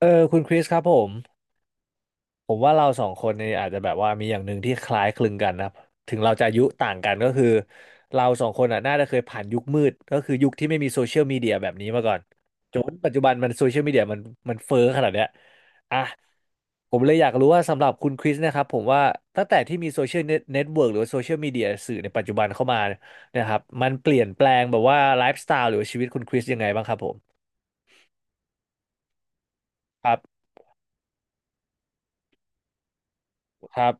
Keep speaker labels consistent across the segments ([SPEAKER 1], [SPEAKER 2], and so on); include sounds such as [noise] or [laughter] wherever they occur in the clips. [SPEAKER 1] คุณคริสครับผมว่าเราสองคนเนี่ยอาจจะแบบว่ามีอย่างหนึ่งที่คล้ายคลึงกันนะครับถึงเราจะอายุต่างกันก็คือเราสองคนอ่ะน่าจะเคยผ่านยุคมืดก็คือยุคที่ไม่มีโซเชียลมีเดียแบบนี้มาก่อนจนปัจจุบันมันโซเชียลมีเดียมันเฟ้อขนาดเนี้ยอ่ะผมเลยอยากรู้ว่าสำหรับคุณคริสนะครับผมว่าตั้งแต่ที่มีโซเชียลเน็ตเวิร์กหรือว่าโซเชียลมีเดียสื่อในปัจจุบันเข้ามานะครับมันเปลี่ยนแปลงแบบว่าไลฟ์สไตล์หรือว่าชีวิตคุณคริสยังไงบ้างครับผมครับครับ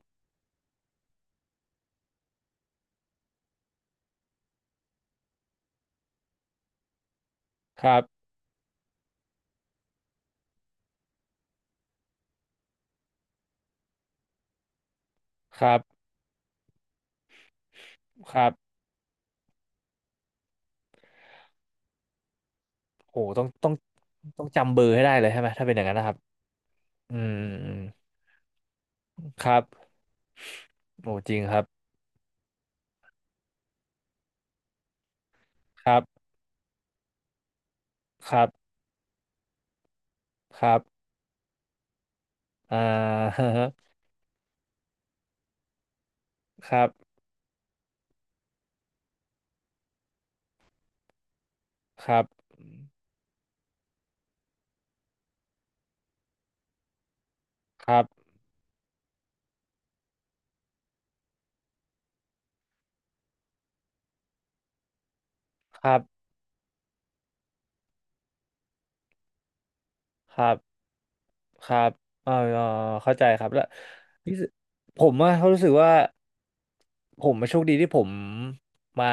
[SPEAKER 1] ครับครับครับ โหต้องจำเบอร์ให้ได้เลยใช่ไหม ถ้าเป็นอย่างนั้นนะครับอืมอืมครับโอ้จริงครับ ครับ ครับ ครับอ่า [laughs] ครับ ครับ ครับ ครับครับ ครับเออเออเข้าใจครับแล้วรู้สึกผมว่าเขารู้สึกว่าผมมาโชคดีที่มา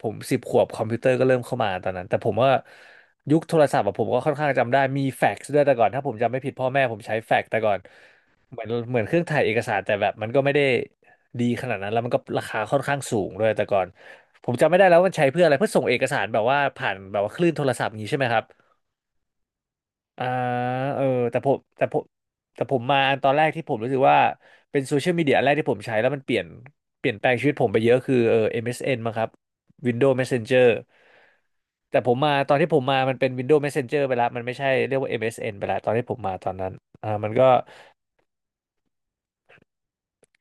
[SPEAKER 1] ผมสิบขวบคอมพิวเตอร์ก็เริ่มเข้ามาตอนนั้นแต่ผมว่ายุคโทรศัพท์อะผมก็ค่อนข้างจำได้มีแฟกซ์ด้วยแต่ก่อนถ้าผมจำไม่ผิดพ่อแม่ผมใช้แฟกซ์แต่ก่อนเหมือนเครื่องถ่ายเอกสารแต่แบบมันก็ไม่ได้ดีขนาดนั้นแล้วมันก็ราคาค่อนข้างสูงด้วยแต่ก่อนผมจำไม่ได้แล้วมันใช้เพื่ออะไรเพื่อส่งเอกสารแบบว่าผ่านแบบว่าคลื่นโทรศัพท์อย่างนี้ใช่ไหมครับ อ่าเออแต่ผมแต่ผมแต่ผมมาอันตอนแรกที่ผมรู้สึกว่า เป็นโซเชียลมีเดียอันแรกที่ผมใช้แล้วมันเปลี่ยนแปลงชีวิตผมไปเยอะคือMSN มเอสเอ็นมั้งครับ Windows Messenger แต่ผมมาตอนที่ผมมามันเป็น Windows Messenger ไปแล้วมันไม่ใช่เรียกว่า MSN ไปแล้วตอนที่ผมมาตอนนั้นมันก็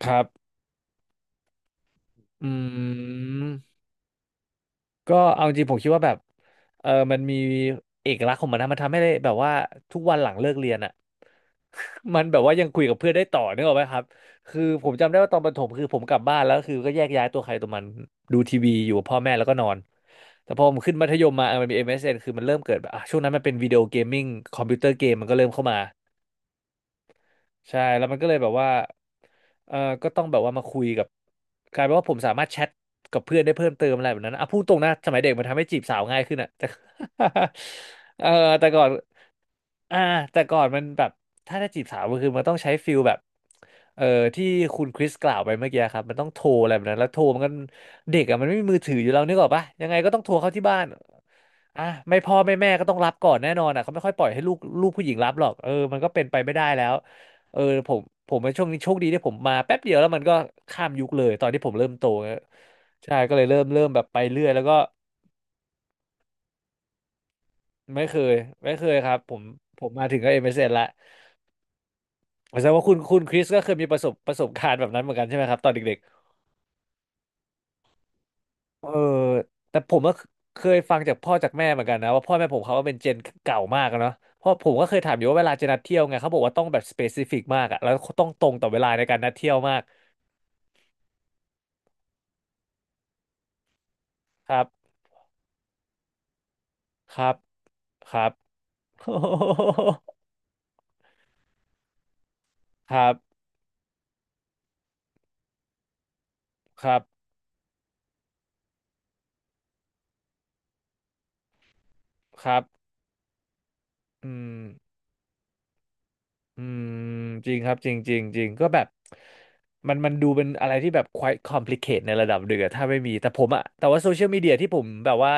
[SPEAKER 1] ครับอืม ก็เอาจริงผมคิดว่าแบบมันมีเอกลักษณ์ของมันนะมันทำให้ได้แบบว่าทุกวันหลังเลิกเรียนอ่ะ [laughs] มันแบบว่ายังคุยกับเพื่อนได้ต่อนึกออกไหมครับคือผมจำได้ว่าตอนประถมคือผมกลับบ้านแล้วคือก็แยกย้ายตัวใครตัวมันดูทีวีอยู่กับพ่อแม่แล้วก็นอนแต่พอผมขึ้นมัธยมมามันมี MSN คือมันเริ่มเกิดแบบอ่ะช่วงนั้นมันเป็นวิดีโอเกมมิ่งคอมพิวเตอร์เกมมันก็เริ่มเข้ามา ใช่แล้วมันก็เลยแบบว่าเออก็ต้องแบบว่ามาคุยกับกลายเป็นว่าผมสามารถแชทกับเพื่อนได้เพิ่มเติมอะไรแบบนั้นนะอ่ะพูดตรงนะสมัยเด็กมันทำให้จีบสาวง่ายขึ้นอ่ะ [laughs] แต่ [laughs] เออแต่ก่อนอ่ามันแบบถ้าจะจีบสาวมันคือมันต้องใช้ฟิลแบบเออที่คุณคริสกล่าวไปเมื่อกี้ครับมันต้องโทรอะไรแบบนั้นแล้วโทรมันก็เด็กอ่ะมันไม่มีมือถืออยู่แล้วนึกออกปะยังไงก็ต้องโทรเข้าที่บ้านอ่ะไม่พ่อไม่แม่ก็ต้องรับก่อนแน่นอนอ่ะเขาไม่ค่อยปล่อยให้ลูกผู้หญิงรับหรอกมันก็เป็นไปไม่ได้แล้ว เออผมผมในช่วงนี้โชคดีที่ผมมาแป๊บเดียวแล้วมันก็ข้ามยุคเลยตอนที่ผมเริ่มโตนะใช่ก็เลยเริ่มแบบไปเรื่อยแล้วก็ไม่เคยไม่เคยครับผมผมมาถึงก็ MSN ละแสดงว่าคุณคริสก็เคยมีประสบการณ์แบบนั้นเหมือนกันใช่ไหมครับตอนเด็กๆแต่ผมก็เคยฟังจากพ่อจากแม่เหมือนกันนะว่าพ่อแม่ผมเขาก็เป็นเจนเก่ามากอะเนาะเพราะผมก็เคยถามอยู่ว่าเวลาจะนัดเที่ยวไงเขาบอกว่าต้องแบบสเปซิฟิกมากอะแล้วต้องตรงต่อเวลาในการนัดเที่ยวมากครับครับครับ [laughs] ครับ ครับครับอืมอืมจริงครับจริงจริงจริงก็แบบมันดูเป็นอะไรที่แบบ quite complicate ในระดับหนึ่งอะถ้าไม่มีแต่ผมอะแต่ว่าโซเชียลมีเดียที่ผมแบบว่า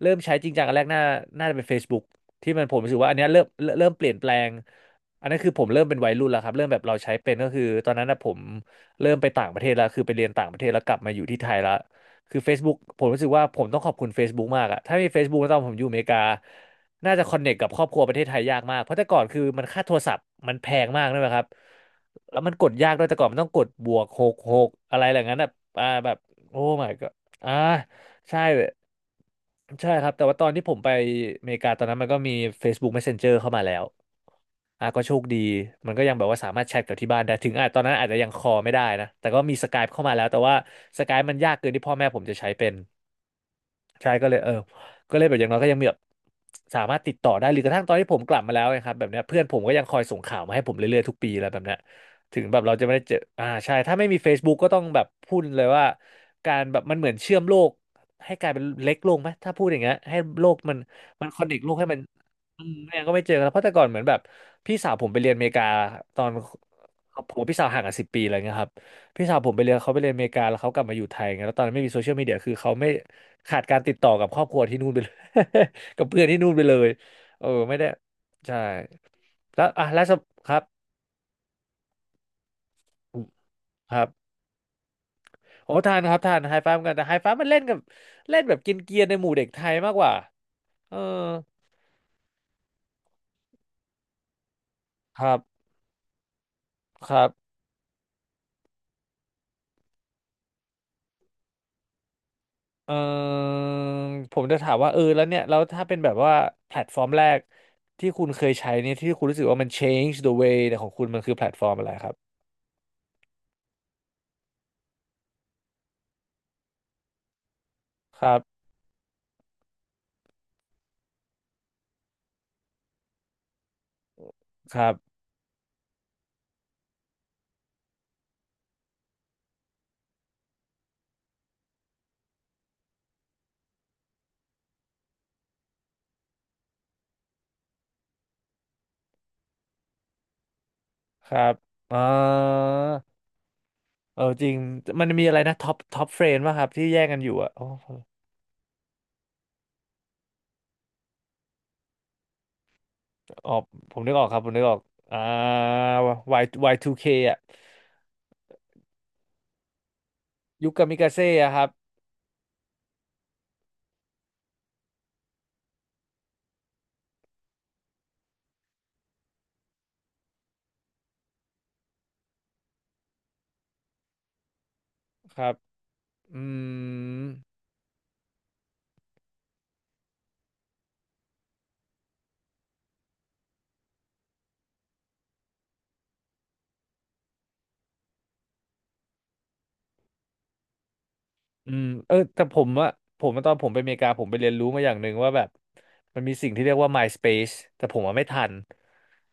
[SPEAKER 1] เริ่มใช้จริงจังอันแรกน่าจะเป็น Facebook ที่มันผมรู้สึกว่าอันเนี้ยเริ่มเปลี่ยนแปลงอันนั้นคือผมเริ่มเป็นวัยรุ่นแล้วครับเริ่มแบบเราใช้เป็นก็คือตอนนั้นนะผมเริ่มไปต่างประเทศแล้วคือไปเรียนต่างประเทศแล้วกลับมาอยู่ที่ไทยแล้วคือ Facebook ผมรู้สึกว่าผมต้องขอบคุณ Facebook มากอะถ้าไม่มี Facebook ตอนผมอยู่อเมริกา น่าจะคอนเน c t กับครอบครัวประเทศไทยยากมาก เพราะแต่ก่อนคือค่าโทรศัพท์มันแพงมากด้วยครับ แล้วมันกดยากด้วยแต่ก่อนมันต้องกด+66อะไรอย่างนั้นแบบแบบโอ้ my god อ่าใช่เลยใช่ครับ แต่ว่าตอนที่ผมไปอเมริกาตอนนั้นมันก็มี Facebook Messenger เข้ามาแล้วอ่ะก็โชคดีมันก็ยังแบบว่าสามารถแชทกับที่บ้านได้ถึงอ่ะตอนนั้นอาจจะยังคอไม่ได้นะแต่ก็มีสกายเข้ามาแล้วแต่ว่าสกายมันยากเกินที่พ่อแม่ผมจะใช้เป็น ใช่ก็เลยเออก็เลยแบบอย่างน้อยก็ยังมีแบบสามารถติดต่อได้หรือกระทั่งตอนที่ผมกลับมาแล้วนครับแบบเนี้ยเพื่อนผมก็ยังคอยส่งข่าวมาให้ผมเรื่อยๆทุกปีแล้วแบบเนี้ยถึงแบบเราจะไม่ได้เจออ่าใช่ถ้าไม่มี Facebook ก็ต้องแบบพูดเลยว่าการแบบมันเหมือนเชื่อมโลกให้กลายเป็นเล็กลงไหมถ้าพูดอย่างเงี้ยให้โลกมันมันคอนเนคโลกให้มันอืมเนี่ยก็ไม่เจอกันแล้วเพราะแต่ก่อนเหมือนแบบพี่สาวผมไปเรียนอเมริกาตอนผมกับพี่สาวห่างกัน10 ปีอะไรเงี้ยครับ พี่สาวผมไปเรียนเขาไปเรียนอเมริกาแล้วเขากลับมาอยู่ไทยไงแล้วตอนนั้นไม่มีโซเชียลมีเดียคือเขาไม่ขาดการติดต่อกับครอบครัวที่นู่นไปเลย [laughs] กับเพื่อนที่นู่นไปเลยเออไม่ได้ใช่แล้วอ่ะแล้วสำครับครับโอ้ทานครับทานไฮไฟว์กันแต่ไฮไฟว์มันเล่นกับเล่นแบบกินเกียนๆในหมู่เด็กไทยมากกว่าเออครับครับเออผมจะถามว่าเออแล้วเนี่ยแล้วถ้าเป็นแบบว่าแพลตฟอร์มแรกที่คุณเคยใช้เนี่ยที่คุณรู้สึกว่ามัน change the way ของคุณมันคือแพลตฟอร์มอะไรครับครับ ครับ ครับอ่าเออจริงมันมีอะไรนะท็อปเฟรนป่ะครับ ที่แย่งกันอยู่อะโอ้ออกผมนึกออกครับ ผมนึกออกอ่า Y Y2K อะยุคกามิกาเซ่อะครับครับอืมอืมเออแต่ผมอะ ผมตอนผมไปอเมริกาผมไปเรียนรู้มาอย่างหนึ่งว่าแบบมันมีสิ่งที่เรียกว่า MySpace แต่ผมอะไม่ทัน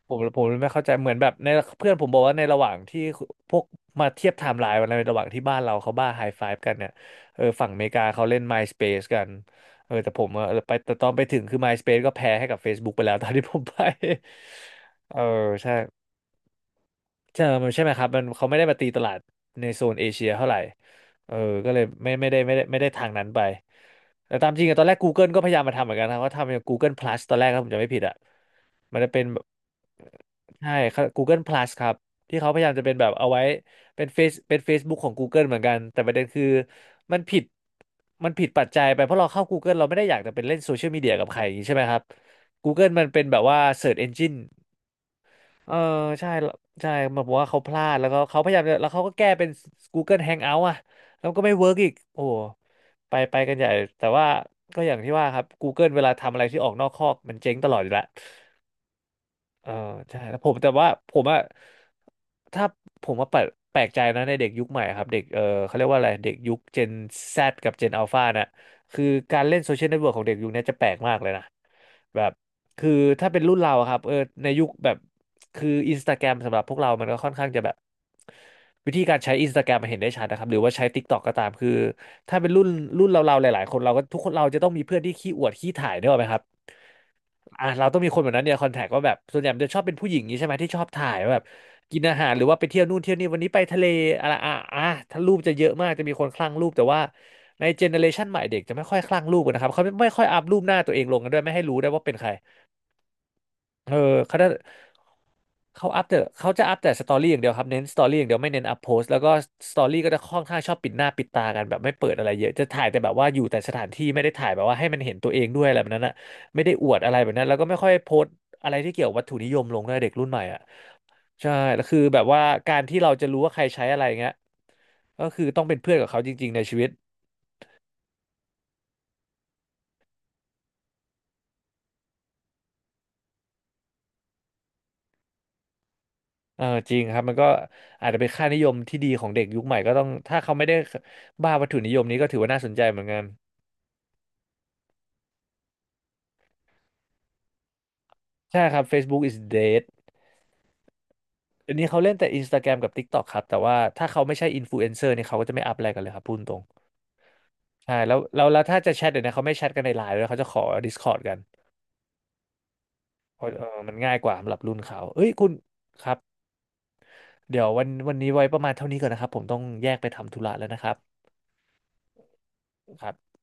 [SPEAKER 1] ผมไม่เข้าใจเหมือนแบบในเพื่อนผมบอกว่าในระหว่างที่พวกมาเทียบไทม์ไลน์วันนั้นในระหว่างที่บ้านเราเขาบ้าไฮไฟฟ์กันเนี่ยเออฝั่งอเมริกาเขาเล่น MySpace กันเออแต่ผมอะเออไปแต่ตอนไปถึงคือ MySpace ก็แพ้ให้กับ Facebook ไปแล้ว [laughs] ตอนที่ผมไป [laughs] เออใช่ ใช่มันใช่ไหมครับมันเขาไม่ได้มาตีตลาดในโซนเอเชียเท่าไหร่เออก็เลยไม่ได้ทางนั้นไป แต่ตามจริงอะตอนแรก Google ก็พยายามมาทำเหมือนกันนะเขาทำอย่าง Google Plus ตอนแรกถ้าผมจำไม่ผิดอะมันจะเป็นแบบใช่ครับ Google Plus ครับ ที่เขาพยายามจะเป็นแบบเอาไว้เป็นเฟซเป็น Facebook ของ Google เหมือนกัน แต่ประเด็นคือมันผิดปัจจัยไป เพราะเราเข้า Google เราไม่ได้อยากจะเป็นเล่นโซเชียลมีเดียกับใครอย่างนี้ใช่ไหมครับ Google มันเป็นแบบว่า Search Engine เออใช่แล้วใช่แบบว่าเขาพลาดแล้วก็เขาพยายามจะแล้วเขาก็แก้เป็น Google Hangout อ่ะแล้วก็ไม่เวิร์กอีกโอ้โหไปไปกันใหญ่แต่ว่าก็อย่างที่ว่าครับ Google เวลาทำอะไรที่ออกนอกคอกมันเจ๊งตลอดอยู่แล้วเออใช่แล้วผมแต่ว่าผมอะถ้าผมว่าแปลกแปลกใจนะในเด็กยุคใหม่ครับเด็กเออเขาเรียกว่าอะไรเด็กยุค Gen Z กับ Gen Alpha น่ะคือการเล่นโซเชียลเน็ตเวิร์กของเด็กยุคนี้จะแปลกมากเลยนะแบบคือถ้าเป็นรุ่นเราอะครับเออในยุคแบบ คืออินสตาแกรมสำหรับพวกเรา มันก็ค่อนข้างจะแบบวิธีการใช้อินสตาแกรมมันเห็นได้ชัดนะครับ หรือว่าใช้ TikTok ก็ตามคือถ้าเป็นรุ่นเราๆหลายๆคนเราก็ทุกคนเราจะต้องมีเพื่อนที่ขี้อวดขี้ถ่ายเนี่ยหรอกไหมครับอ่ะเราต้องมีคนแบบนั้นเนี่ยคอนแทคว่าแบบส่วนใหญ่มันจะชอบเป็นผู้หญิงนี้ใช่ไหมที่ชอบถ่ายว่าแบบกินอาหารหรือว่าไปเที่ยวนู่นเที่ยวนี่วันนี้ไปทะเลอะไรอ่ะถ้ารูปจะเยอะมากจะมีคนคลั่งรูปแต่ว่าในเจเนอเรชันใหม่เด็กจะไม่ค่อยคลั่งรูปกันนะครับเขาไม่ค่อยอัพรูปหน้าตัวเองลงกันด้วยไม่ให้รู้ได้วยว่าเป็นใคร เออเขาได้เขาอัพแต่เขาจะอัพแต่สตอรี่อย่างเดียวครับเน้นสตอรี่อย่างเดียวไม่เน้นอัพโพสต์แล้วก็สตอรี่ก็จะค่อนข้างชอบปิดหน้าปิดตากันแบบไม่เปิดอะไรเยอะจะถ่ายแต่แบบว่าอยู่แต่สถานที่ไม่ได้ถ่ายแบบว่าให้มันเห็นตัวเองด้วยอะไรแบบนั้นอะไม่ได้อวดอะไรแบบนั้นแล้วก็ไม่ค่อยโพสต์อะไรที่เกี่ยวกับวัตถุนิยมลงด้วยเด็กรุ่นใหม่อ่ะใช่แล้วคือแบบว่าการที่เราจะรู้ว่าใครใช้อะไรเงี้ยก็คือต้องเป็นเพื่อนกับเขาจริงๆในชีวิตเออจริงครับมันก็อาจจะเป็นค่านิยมที่ดีของเด็กยุคใหม่ก็ต้องถ้าเขาไม่ได้บ้าวัตถุนิยมนี้ก็ถือว่าน่าสนใจเหมือนกัน ใช่ครับ Facebook is dead อันนี้เขาเล่นแต่ Instagram กับ TikTok ครับ แต่ว่าถ้าเขาไม่ใช่อินฟลูเอนเซอร์เนี่ยเขาก็จะไม่อัพอะไรกันเลยครับพูดตรงใช่แล้วถ้าจะแชทเดี๋ยวนี้เขาไม่แชทกันในไลน์ด้วยเขาจะขอ Discord กันเพราะมันง่ายกว่าสำหรับรุ่นเขาเอ้ยคุณครับเดี๋ยววันนี้ไว้ประมาณเท่านี้ก่อนนะครับผมต้องแยกไปทำธุระแล้วนะครับครับ